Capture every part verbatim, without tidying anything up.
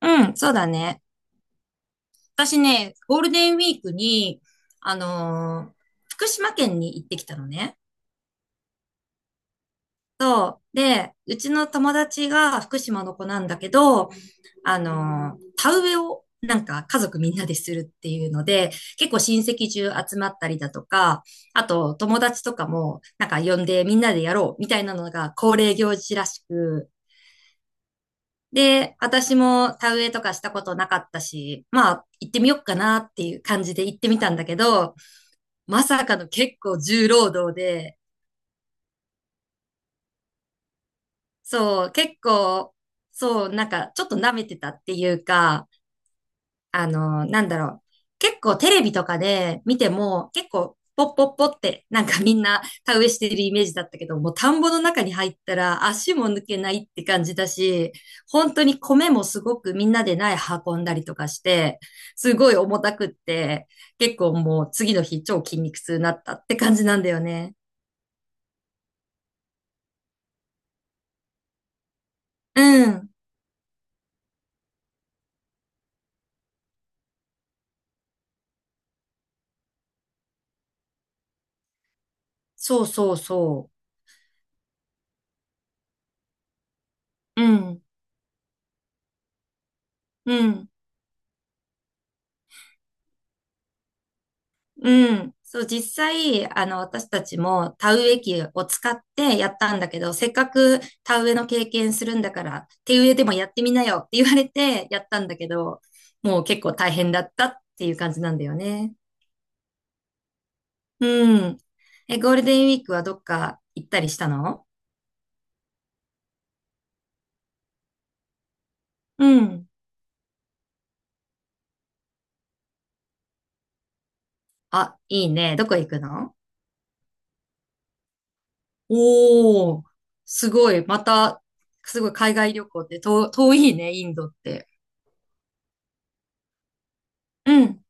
うん、そうだね。私ね、ゴールデンウィークに、あのー福島県に行ってきたのね。で、うちの友達が福島の子なんだけど、あのー田植えをなんか家族みんなでするっていうので、結構親戚中集まったりだとか、あと友達とかもなんか呼んでみんなでやろうみたいなのが恒例行事らしく、で、私も田植えとかしたことなかったし、まあ行ってみよっかなっていう感じで行ってみたんだけど、まさかの結構重労働で、そう、結構、そう、なんかちょっと舐めてたっていうか、あの、なんだろう。結構テレビとかで見ても、結構ポッポッポってなんかみんな田植えしてるイメージだったけど、もう田んぼの中に入ったら足も抜けないって感じだし、本当に米もすごくみんなで苗運んだりとかして、すごい重たくって、結構もう次の日超筋肉痛になったって感じなんだよね。うん。そうそうそう。うん、うん、うん。そう、実際、あの、私たちも田植え機を使ってやったんだけど、せっかく田植えの経験するんだから、手植えでもやってみなよって言われてやったんだけど、もう結構大変だったっていう感じなんだよね。うん。え、ゴールデンウィークはどっか行ったりしたの？うん。あ、いいね。どこ行くの？おー、すごい。また、すごい海外旅行ってと遠いね、インドって。うん、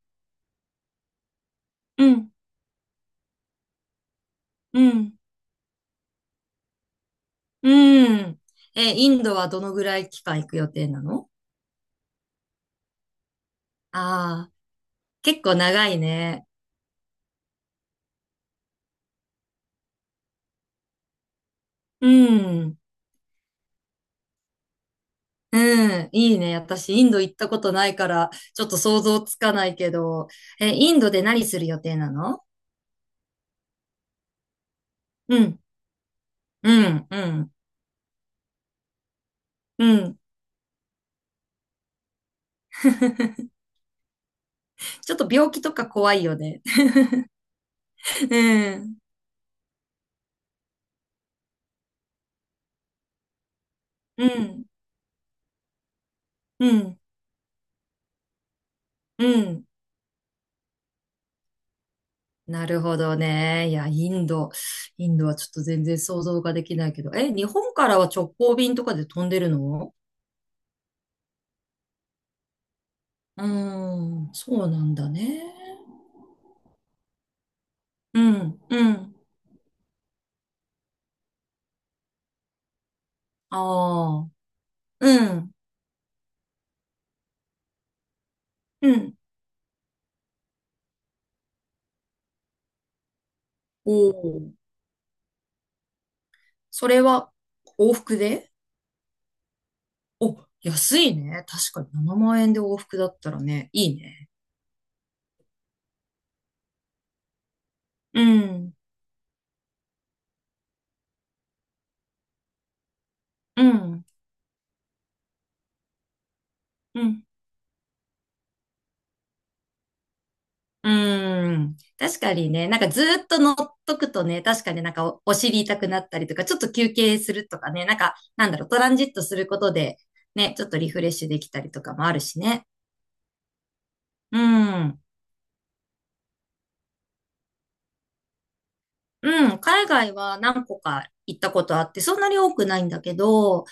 うん、うん、うん。え、インドはどのぐらい期間行く予定なの？ああー、結構長いね。うん、うん、いいね。私、インド行ったことないから、ちょっと想像つかないけど、え、インドで何する予定なの？うん、うん、うん、うん。ちょっと病気とか怖いよね。うん、うん、うん、うん。なるほどね。いや、インド。インドはちょっと全然想像ができないけど。え、日本からは直行便とかで飛んでるの？うーん、そうなんだね。うん、うん。ああ、うん、うん。おお、それは往復で？お、安いね。確かにななまん円で往復だったらね、いいね。うん、うん、うん。うーん。確かにね、なんかずーっと乗っとくとね、確かになんかお、お尻痛くなったりとか、ちょっと休憩するとかね、なんか、なんだろう、トランジットすることで、ね、ちょっとリフレッシュできたりとかもあるしね。うん。うん。海外は何個か行ったことあって、そんなに多くないんだけど、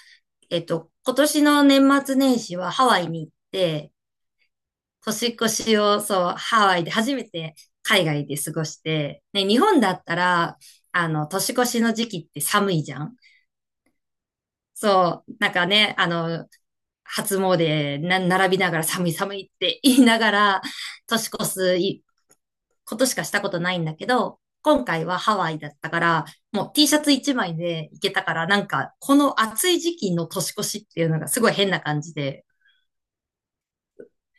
えっと、今年の年末年始はハワイに行って、年越しを、そう、ハワイで初めて海外で過ごして、ね、日本だったら、あの、年越しの時期って寒いじゃん。そう、なんかね、あの、初詣な、並びながら寒い寒いって言いながら、年越すいことしかしたことないんだけど、今回はハワイだったから、もう T シャツいちまいで行けたから、なんか、この暑い時期の年越しっていうのがすごい変な感じで、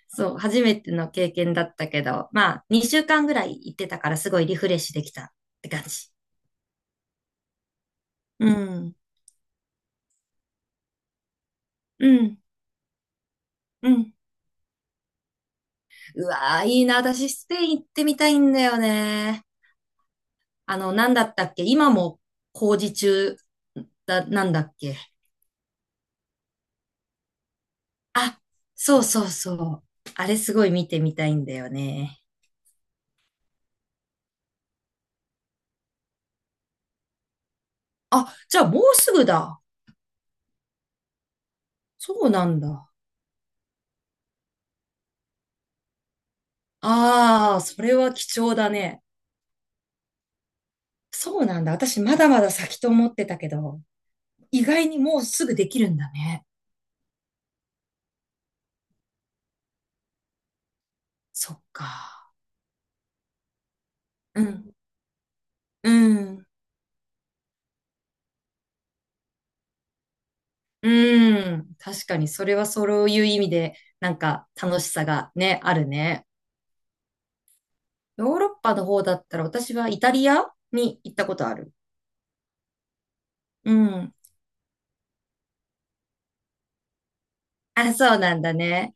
そう、初めての経験だったけど、まあ、にしゅうかんぐらい行ってたから、すごいリフレッシュできたって感じ。うん。うん。うん。うわー、いいな。私、スペイン行ってみたいんだよね。あの、なんだったっけ今も工事中だ、なんだっけ？あ、そうそうそう。あれすごい見てみたいんだよね。あ、じゃあもうすぐだ。そうなんだ。ああ、それは貴重だね。そうなんだ。私まだまだ先と思ってたけど、意外にもうすぐできるんだね。そっか。うん。うん。うん。確かに、それはそういう意味で、なんか楽しさがね、あるね。ヨーロッパの方だったら私はイタリアに行ったことある。うん。あ、そうなんだね。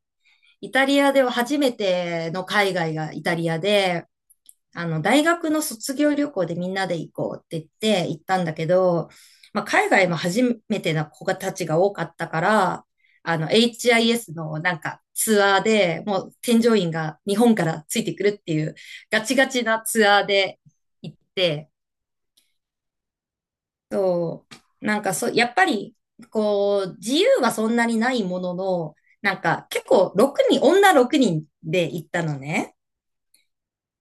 イタリアでは初めての海外がイタリアで、あの、大学の卒業旅行でみんなで行こうって言って行ったんだけど、まあ、海外も初めての子たちが多かったから、あの、エイチアイエス のなんかツアーで、もう添乗員が日本からついてくるっていうガチガチなツアーで行って、そう。なんかそう、やっぱり、こう、自由はそんなにないものの、なんか結構ろくにん、女ろくにんで行ったのね。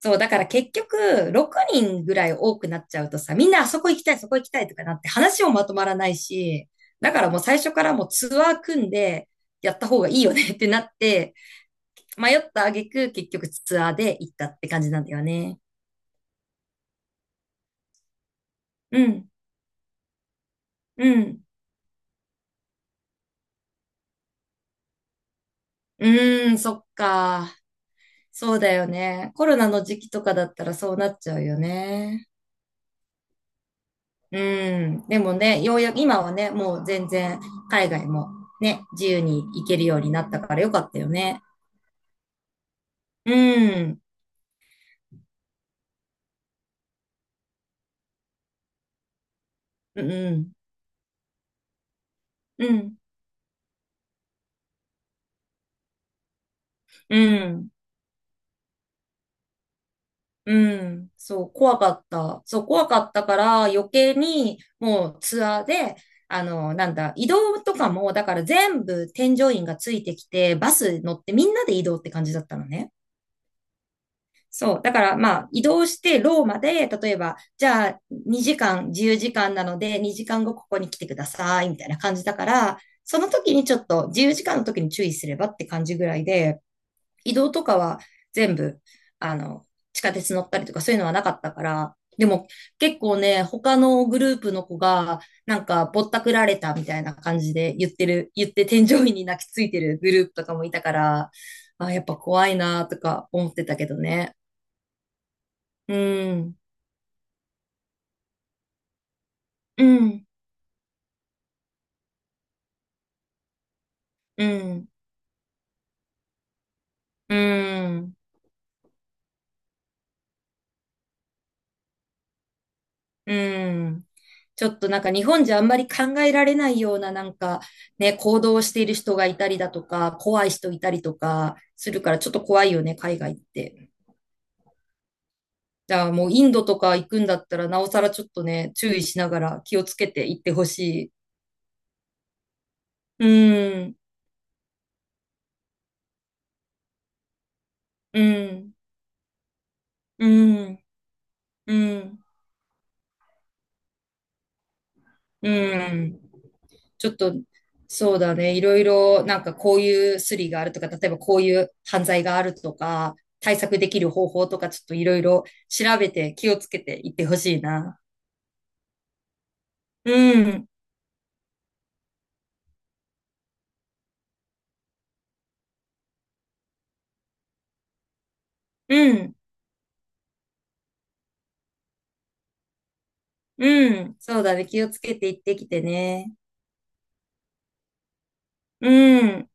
そう、だから結局、ろくにんぐらい多くなっちゃうとさ、みんなあそこ行きたい、そこ行きたいとかなって話もまとまらないし、だからもう最初からもうツアー組んでやった方がいいよねってなって、迷った挙句結局ツアーで行ったって感じなんだよね。うん、うん、うーん、そっか。そうだよね。コロナの時期とかだったらそうなっちゃうよね。うん。でもね、ようやく今はね、もう全然海外もね、自由に行けるようになったからよかったよね。うん。うん。うん。うん。うん。そう、怖かった。そう、怖かったから余計にもうツアーで、あの、なんだ、移動とかも、だから全部添乗員がついてきて、バス乗ってみんなで移動って感じだったのね。そう。だから、まあ、移動してローマで、例えば、じゃあ、にじかん、自由時間なので、にじかんごここに来てください、みたいな感じだから、その時にちょっと、自由時間の時に注意すればって感じぐらいで、移動とかは全部、あの、地下鉄乗ったりとかそういうのはなかったから、でも結構ね、他のグループの子が、なんか、ぼったくられたみたいな感じで言ってる、言って添乗員に泣きついてるグループとかもいたから、あ、やっぱ怖いなとか思ってたけどね。うん、うん、うん、うん、うん。ちょっとなんか日本じゃあんまり考えられないようななんかね、行動をしている人がいたりだとか、怖い人いたりとかするからちょっと怖いよね、海外って。じゃあもうインドとか行くんだったらなおさらちょっとね、注意しながら気をつけて行ってほしい。うん、うん、うん、うん、うん。ちょっと、そうだね。いろいろ、なんかこういうスリがあるとか、例えばこういう犯罪があるとか、対策できる方法とか、ちょっといろいろ調べて気をつけていってほしいな。うん、うん、うん。そうだね。気をつけていってきてね。うん。